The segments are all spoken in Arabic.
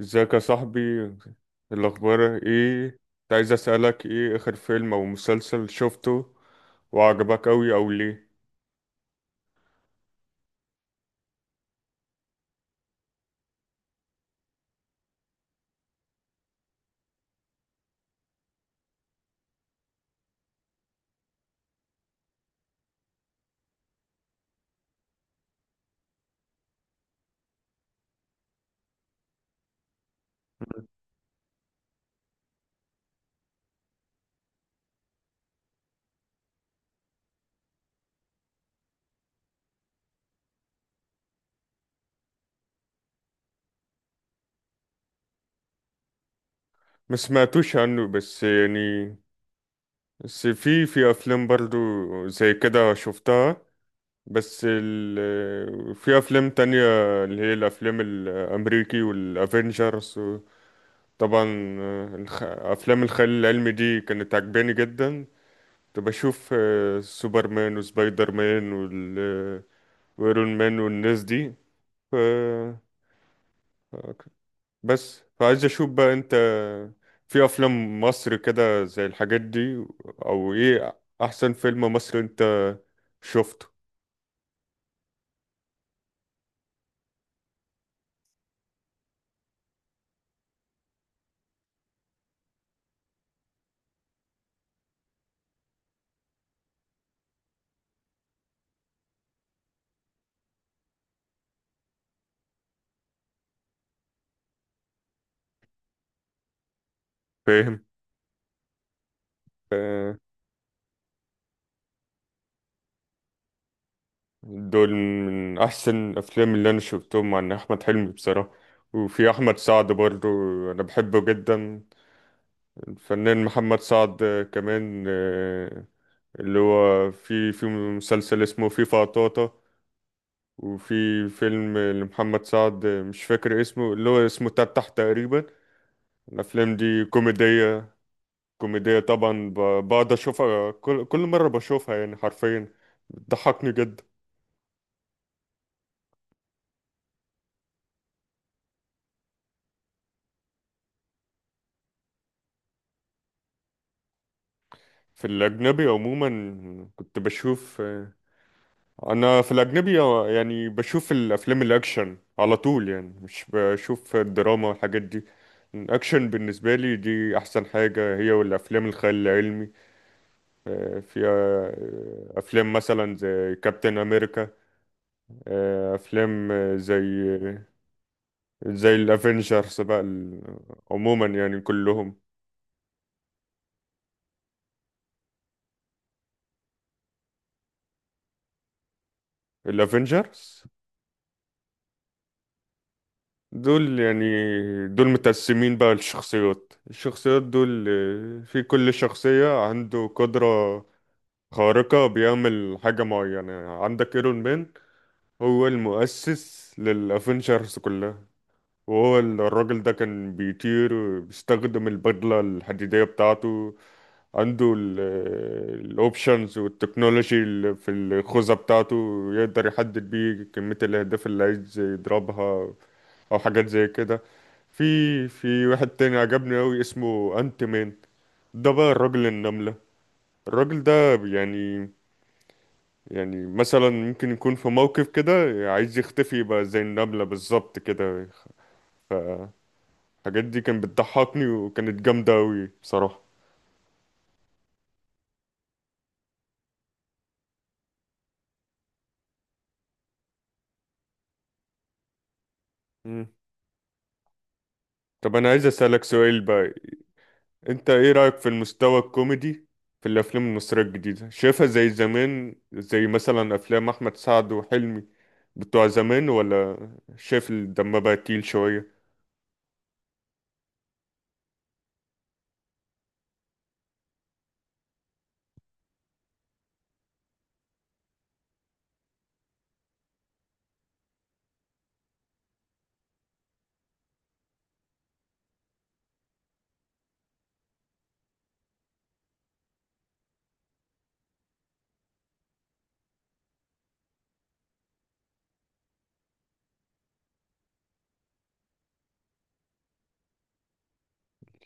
ازيك يا صاحبي؟ الاخبار ايه؟ كنت عايز اسالك، ايه اخر فيلم او مسلسل شفته وعجبك اوي؟ او ليه ما سمعتوش عنه؟ بس يعني بس في افلام برضو زي كده شفتها. بس في افلام تانية اللي هي الافلام الامريكي والافينجرز. طبعا افلام الخيال العلمي دي كانت عجباني جدا. كنت بشوف سوبرمان وسبايدر مان وايرون مان والناس دي. ف... بس فعايز اشوف بقى انت في افلام مصر كده زي الحاجات دي، او ايه احسن فيلم مصري انت شفته؟ فاهم. ف... دول من احسن الافلام اللي انا شفتهم عن احمد حلمي بصراحة. وفي احمد سعد برضو، انا بحبه جدا. الفنان محمد سعد كمان، اللي هو في مسلسل اسمه فيفا طاطا. وفي فيلم لمحمد سعد مش فاكر اسمه، اللي هو اسمه تفتح تقريبا. الأفلام دي كوميدية، كوميدية طبعا. بقعد أشوفها كل مرة بشوفها يعني حرفيا بتضحكني جدا. في الأجنبي عموما كنت بشوف، أنا في الأجنبي يعني بشوف الأفلام الأكشن على طول، يعني مش بشوف الدراما والحاجات دي. الأكشن بالنسبة لي دي أحسن حاجة، هي والأفلام الخيال العلمي. في افلام مثلا زي كابتن امريكا، افلام زي زي الافينجرز بقى عموما يعني كلهم. الافينجرز دول يعني، دول متقسمين بقى. الشخصيات، الشخصيات دول، في كل شخصية عنده قدرة خارقة، بيعمل حاجة معينة. عندك ايرون مان، هو المؤسس للافينجرز كلها، وهو الراجل ده كان بيطير، بيستخدم البدلة الحديدية بتاعته، عنده الاوبشنز والتكنولوجي اللي في الخوذة بتاعته، يقدر يحدد بيه كمية الأهداف اللي عايز يضربها، أو حاجات زي كده. في واحد تاني عجبني أوي اسمه أنت مان. ده بقى الراجل النملة. الراجل ده يعني، يعني مثلا ممكن يكون في موقف كده عايز يختفي، يبقى زي النملة بالظبط كده. الحاجات دي كانت بتضحكني وكانت جامدة أوي بصراحة. مم. طب أنا عايز أسألك سؤال بقى، أنت إيه رأيك في المستوى الكوميدي في الأفلام المصرية الجديدة؟ شايفها زي زمان، زي مثلا أفلام أحمد سعد وحلمي بتوع زمان، ولا شايف الدم بقى تقيل شوية؟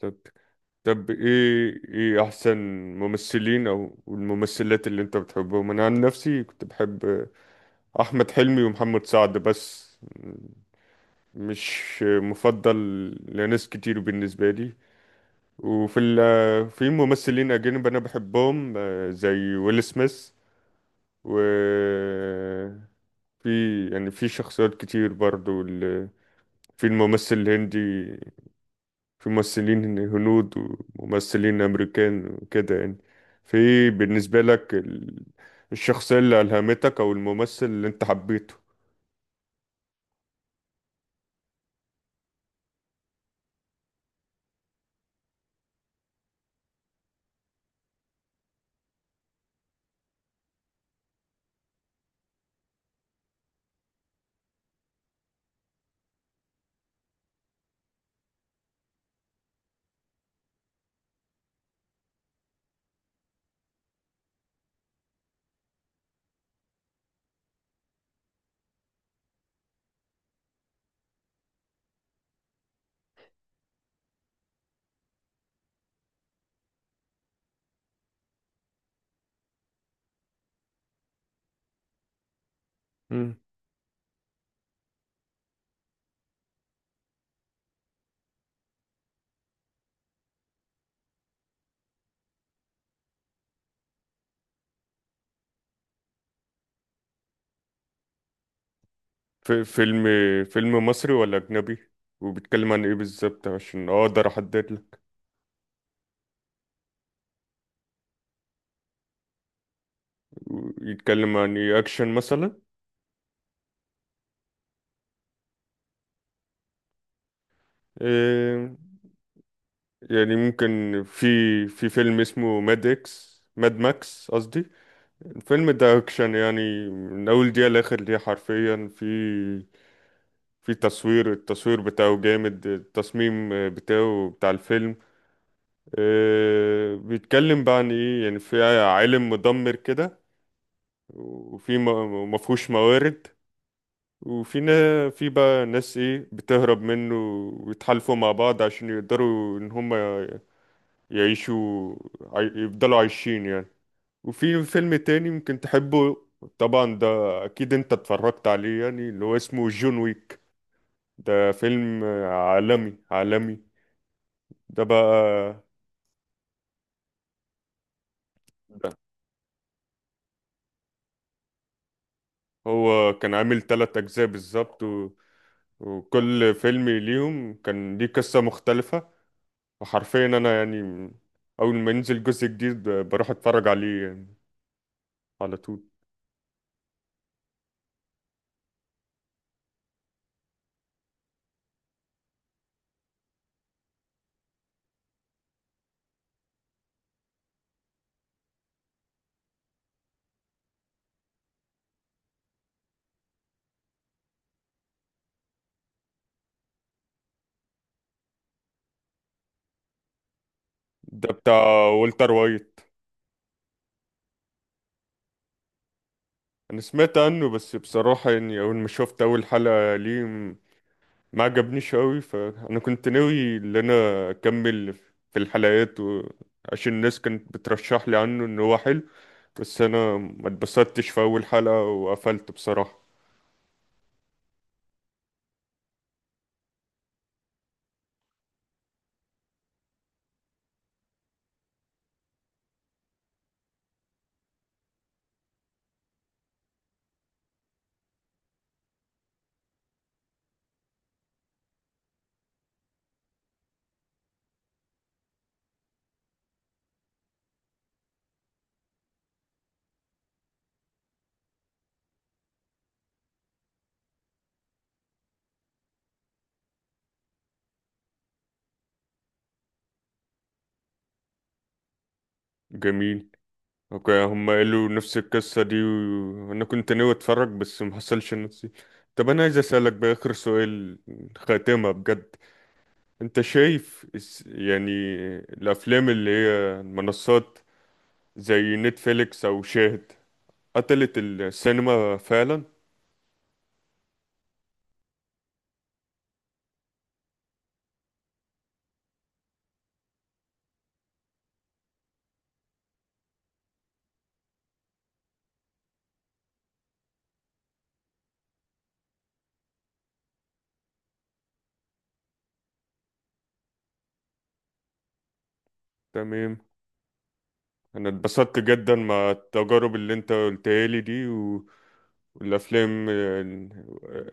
طب طب، إيه إيه أحسن ممثلين أو الممثلات اللي أنت بتحبهم؟ أنا عن نفسي كنت بحب أحمد حلمي ومحمد سعد بس، مش مفضل لناس كتير بالنسبة لي. وفي ال في ممثلين أجانب أنا بحبهم، زي ويل سميث، و في يعني في شخصيات كتير برضو في الممثل الهندي، في ممثلين هنود وممثلين أمريكان وكده يعني. في بالنسبة لك الشخصية اللي ألهمتك أو الممثل اللي أنت حبيته؟ في فيلم، فيلم مصري ولا أجنبي؟ وبيتكلم عن إيه بالظبط عشان أقدر أحدد لك؟ يتكلم عن إيه، أكشن مثلا؟ إيه يعني، ممكن في في فيلم اسمه ماد إكس، ماد ماكس قصدي. الفيلم ده أكشن يعني من أول دقيقة لآخر دقيقة حرفيا. في تصوير، التصوير بتاعه جامد، التصميم بتاعه بتاع الفيلم إيه. بيتكلم بقى عن إيه يعني، في عالم مدمر كده وفي مفهوش موارد، وفي في بقى ناس ايه بتهرب منه، ويتحالفوا مع بعض عشان يقدروا ان هم يعيشوا، يفضلوا عايشين يعني. وفي فيلم تاني ممكن تحبه، طبعا ده اكيد انت اتفرجت عليه، يعني اللي هو اسمه جون ويك. ده فيلم عالمي، عالمي ده بقى. ده هو كان عامل تلات اجزاء بالظبط وكل فيلم ليهم كان ليه قصة مختلفة. وحرفيا انا يعني اول ما ينزل جزء جديد بروح اتفرج عليه يعني على طول. ده بتاع والتر وايت. انا سمعت عنه، بس بصراحة يعني اول ما شفت اول حلقة ليه ما عجبنيش قوي، فانا كنت ناوي ان انا اكمل في الحلقات عشان الناس كانت بترشح لي عنه ان هو حلو، بس انا ما اتبسطتش في اول حلقة وقفلت بصراحة. جميل. اوكي، هم قالوا نفس القصة دي وانا كنت ناوي اتفرج بس محصلش نفسي. طب انا عايز اسألك بقى اخر سؤال، خاتمة بجد، انت شايف يعني الافلام اللي هي منصات زي نتفليكس او شاهد قتلت السينما فعلا؟ تمام. انا اتبسطت جدا مع التجارب اللي انت قلتها لي دي، والافلام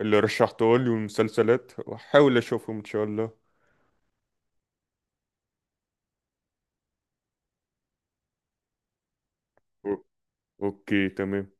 اللي رشحتها لي والمسلسلات، واحاول اشوفهم ان شاء الله. أو- اوكي تمام.